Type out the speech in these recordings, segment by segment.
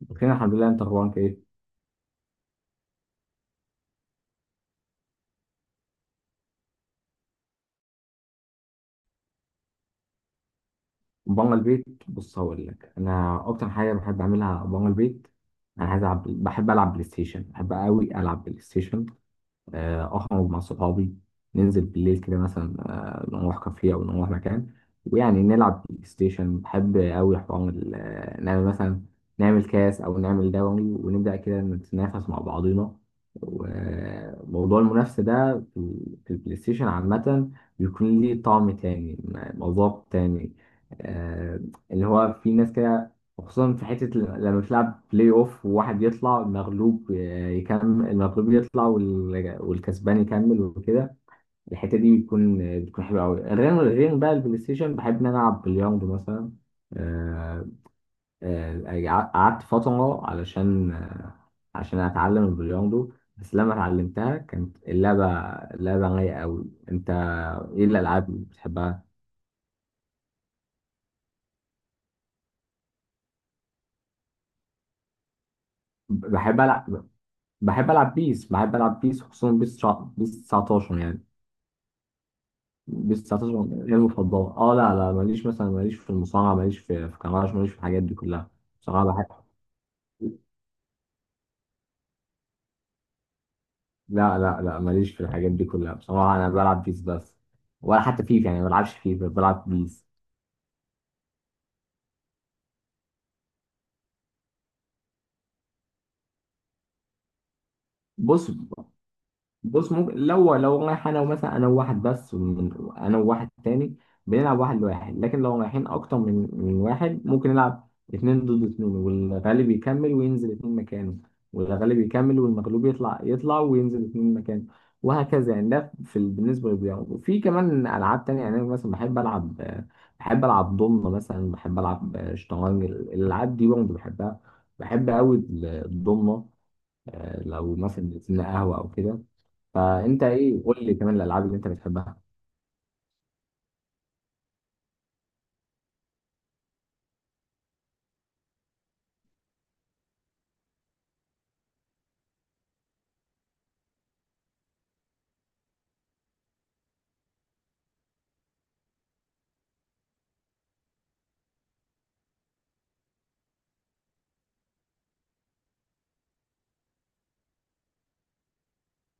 بخير الحمد لله، انت اخبارك ايه؟ بره البيت، بص هقول لك انا اكتر حاجه بحب اعملها بره البيت. انا عايز العب، بحب العب بلاي ستيشن، بحب قوي العب بلاي ستيشن. آه، اخرج مع صحابي، ننزل بالليل كده مثلا، نروح كافيه او نروح مكان، ويعني نلعب بلاي ستيشن. بحب قوي حوار نعمل مثلا، نعمل كاس او نعمل دوري، ونبدا كده نتنافس مع بعضينا. وموضوع المنافسه ده في البلاي ستيشن عامه، بيكون ليه طعم تاني، مذاق تاني. آه، اللي هو في ناس كده، وخصوصا في حتة لما بتلعب بلاي اوف، وواحد يطلع، المغلوب يكمل، المغلوب يطلع والكسبان يكمل وكده. الحتة دي بتكون، بتكون حلوة أوي. غير بقى البلاي ستيشن، بحب إن أنا ألعب بلياردو مثلا. آه، آه، قعدت فترة علشان، عشان أتعلم البلياردو، بس لما اتعلمتها كانت اللعبة، اللعبة رايقة أوي. أنت، إيه الألعاب اللي بتحبها؟ بحب ألعب، بحب ألعب بيس خصوصا بيس 19 يعني. بس هتصبح غير مفضلة. اه، لا لا، ماليش مثلا، ماليش في المصارعة، ماليش في كمارش، ماليش في الحاجات دي كلها. بصراحة بحب لا لا لا، ماليش في الحاجات دي كلها بصراحة، أنا بلعب بيس بس. ولا حتى فيفا يعني، ما بلعبش فيفا، بلعب بيس. بص بص ممكن، لو رايح انا، ومثلا انا انا وواحد تاني، بنلعب واحد لواحد. لكن لو رايحين اكتر من واحد، ممكن نلعب اتنين ضد اتنين، والغالب يكمل وينزل اتنين مكانه. والغالب يكمل والمغلوب يطلع، وينزل اتنين مكانه. وهكذا يعني. بالنسبة للبيانو، وفي كمان ألعاب تانية يعني. أنا مثلا بحب ألعب ضمنة مثلا، بحب ألعب شطرنج، الألعاب دي برضه بحبها. بحب أوي الضمنة، لو مثلا نزلنا قهوة أو كده. فانت ايه؟ قول لي كمان الالعاب اللي انت بتحبها.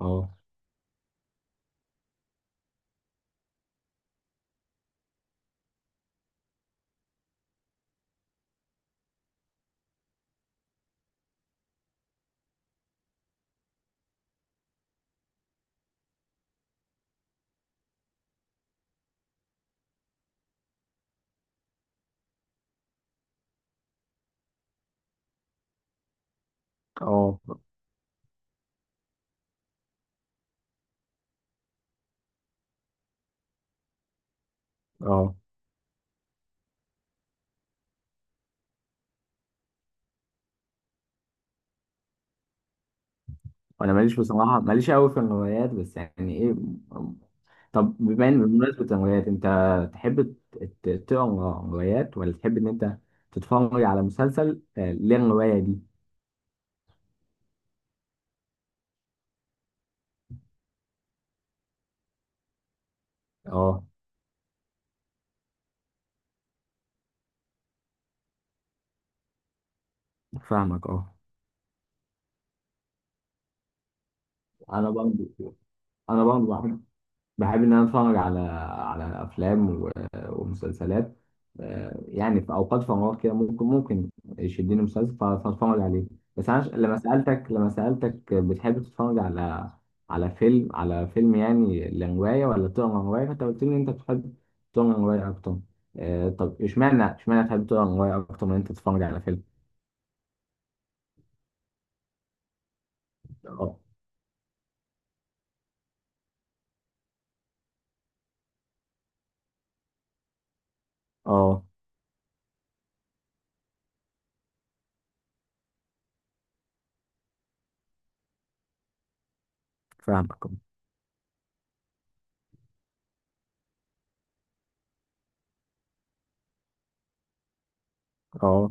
اه اه اه، انا ماليش بصراحه، ماليش قوي في الروايات، بس يعني ايه. طب بما ان، بمناسبه الروايات، انت تحب تقرا روايات، ولا تحب ان انت تتفرج على مسلسل للروايه دي؟ اه، فاهمك اه. انا برضه، انا برضه بحب ان انا اتفرج على، على افلام ومسلسلات. يعني في اوقات فراغ كده، ممكن يشدني مسلسل فاتفرج عليه. بس انا، لما سالتك، لما سالتك بتحب تتفرج على، على فيلم، على فيلم يعني لروايه، ولا تقرا روايه، فانت قلت لي انت بتحب تقرا روايه اكتر. طب اشمعنى، اشمعنى تحب تقرا روايه اكتر من انت تتفرج على فيلم؟ اه اه، فاهمك اه.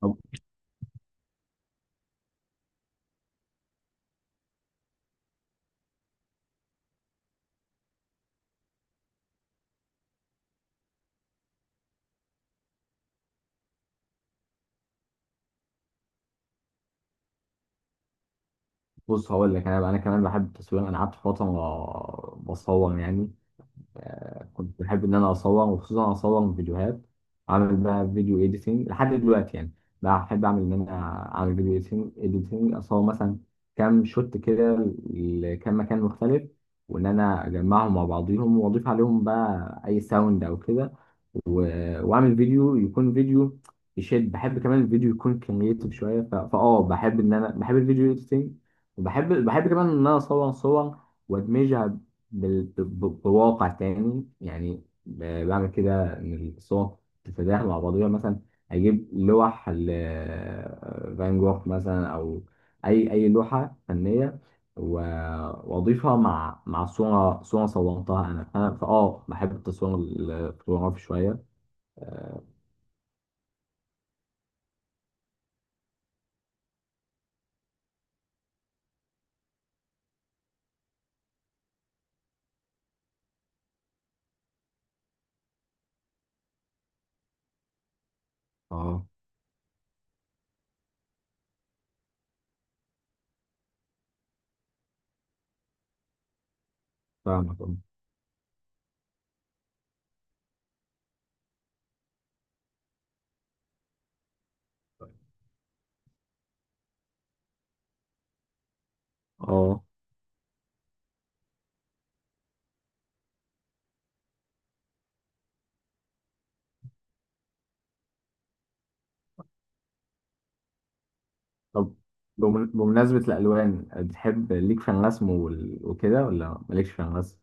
طب بص هقول لك، انا كمان بحب التصوير. انا قعدت فتره بصور يعني. كنت بحب ان انا اصور، وخصوصا اصور فيديوهات. اعمل بقى فيديو اديتنج لحد دلوقتي يعني. بحب اعمل ان انا اعمل فيديو، اديتنج، اصور مثلا كام شوت كده لكام مكان مختلف، وان انا اجمعهم مع بعضيهم، واضيف عليهم بقى اي ساوند او كده، واعمل فيديو، يكون فيديو يشد. بحب كمان الفيديو يكون كرييتيف شويه، ف- فاه بحب ان انا، بحب الفيديو اديتنج. وبحب كمان ان انا اصور صور، وادمجها بواقع تاني يعني، بعمل كده ان الصور تتداخل مع بعضها مثلا. اجيب لوح فان جوخ مثلا، او اي لوحه فنيه، و- واضيفها مع، مع صوره صورتها انا. انا فاه بحب التصوير الفوتوغرافي شويه. اه، فاهمك اه. آه. طب بمناسبة الألوان، بتحب ليك في الرسم وكده، ولا مالكش في الرسم؟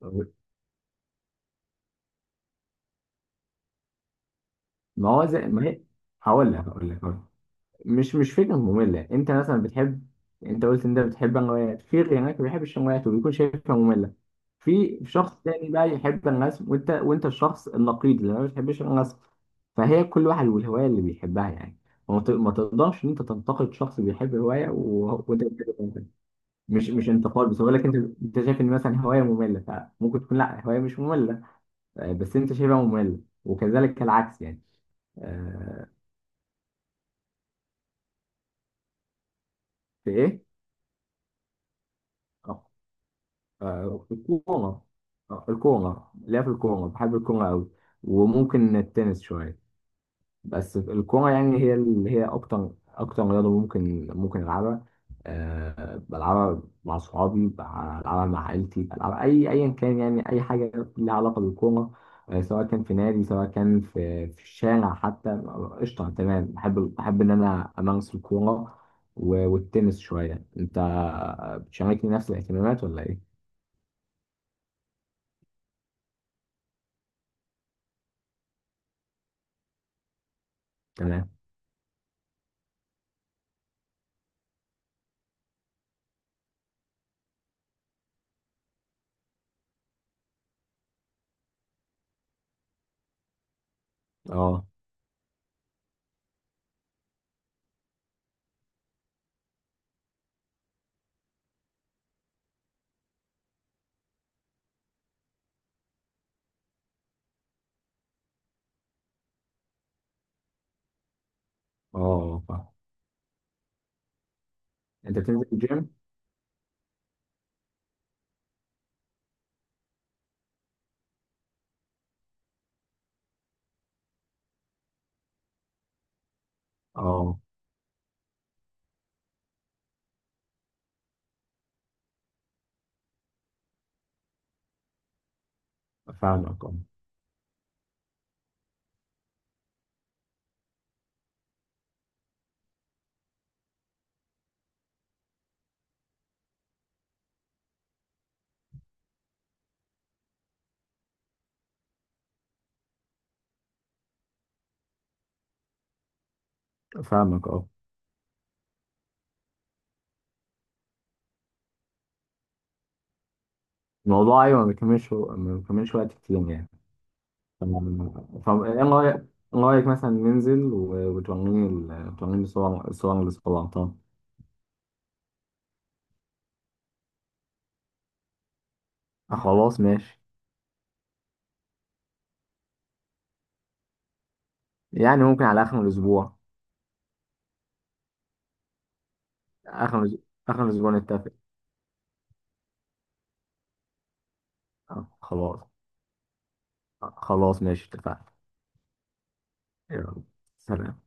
طيب، ما هو زي ما هي. هقول لك مش فكرة مملة. انت مثلا بتحب، انت قلت ان انت بتحب الروايات، في غيرك ما بيحبش الروايات وبيكون شايفها مملة. في شخص تاني بقى يحب الرسم، وانت الشخص النقيض اللي ما بيحبش الرسم. فهي كل واحد والهواية اللي بيحبها يعني. ما تقدرش ان انت تنتقد شخص بيحب هواية، وانت بتحب هواية. مش انتقاد، بس بقول لك انت، انت شايف ان مثلا هواية مملة، فممكن تكون لا، هواية مش مملة، بس انت شايفها مملة، وكذلك العكس يعني. آه، في ايه؟ آه. آه، الكورة. الكورة ليا. في الكورة، بحب الكورة أوي، وممكن التنس شوية. بس الكورة يعني هي اللي هي أكتر، أكتر رياضة ممكن ألعبها. أه، بلعبها مع صحابي، بلعبها مع عائلتي، بلعبها أي أيا كان يعني، أي حاجة ليها علاقة بالكورة. سواء كان في نادي، سواء كان في الشارع حتى. قشطة تمام. بحب إن أنا أمارس الكورة والتنس شوية. أنت بتشاركني نفس الاهتمامات ولا إيه؟ تمام. اه اه. فاهم. انت بتنزل الجيم؟ اه، فاهمك اه. فاهمك اه. الموضوع، ايوه، ما بيكملش وقت كتير يعني. تمام. طب ايه رايك، ايه رايك مثلا ننزل وتوريني وتوريني الصور، الصور اللي صورتها؟ آه خلاص ماشي. يعني ممكن على اخر الاسبوع. اخر الأس- اخر الاسبوع نتفق. آه خلاص. آه خلاص ماشي، اتفقنا. يلا سلام.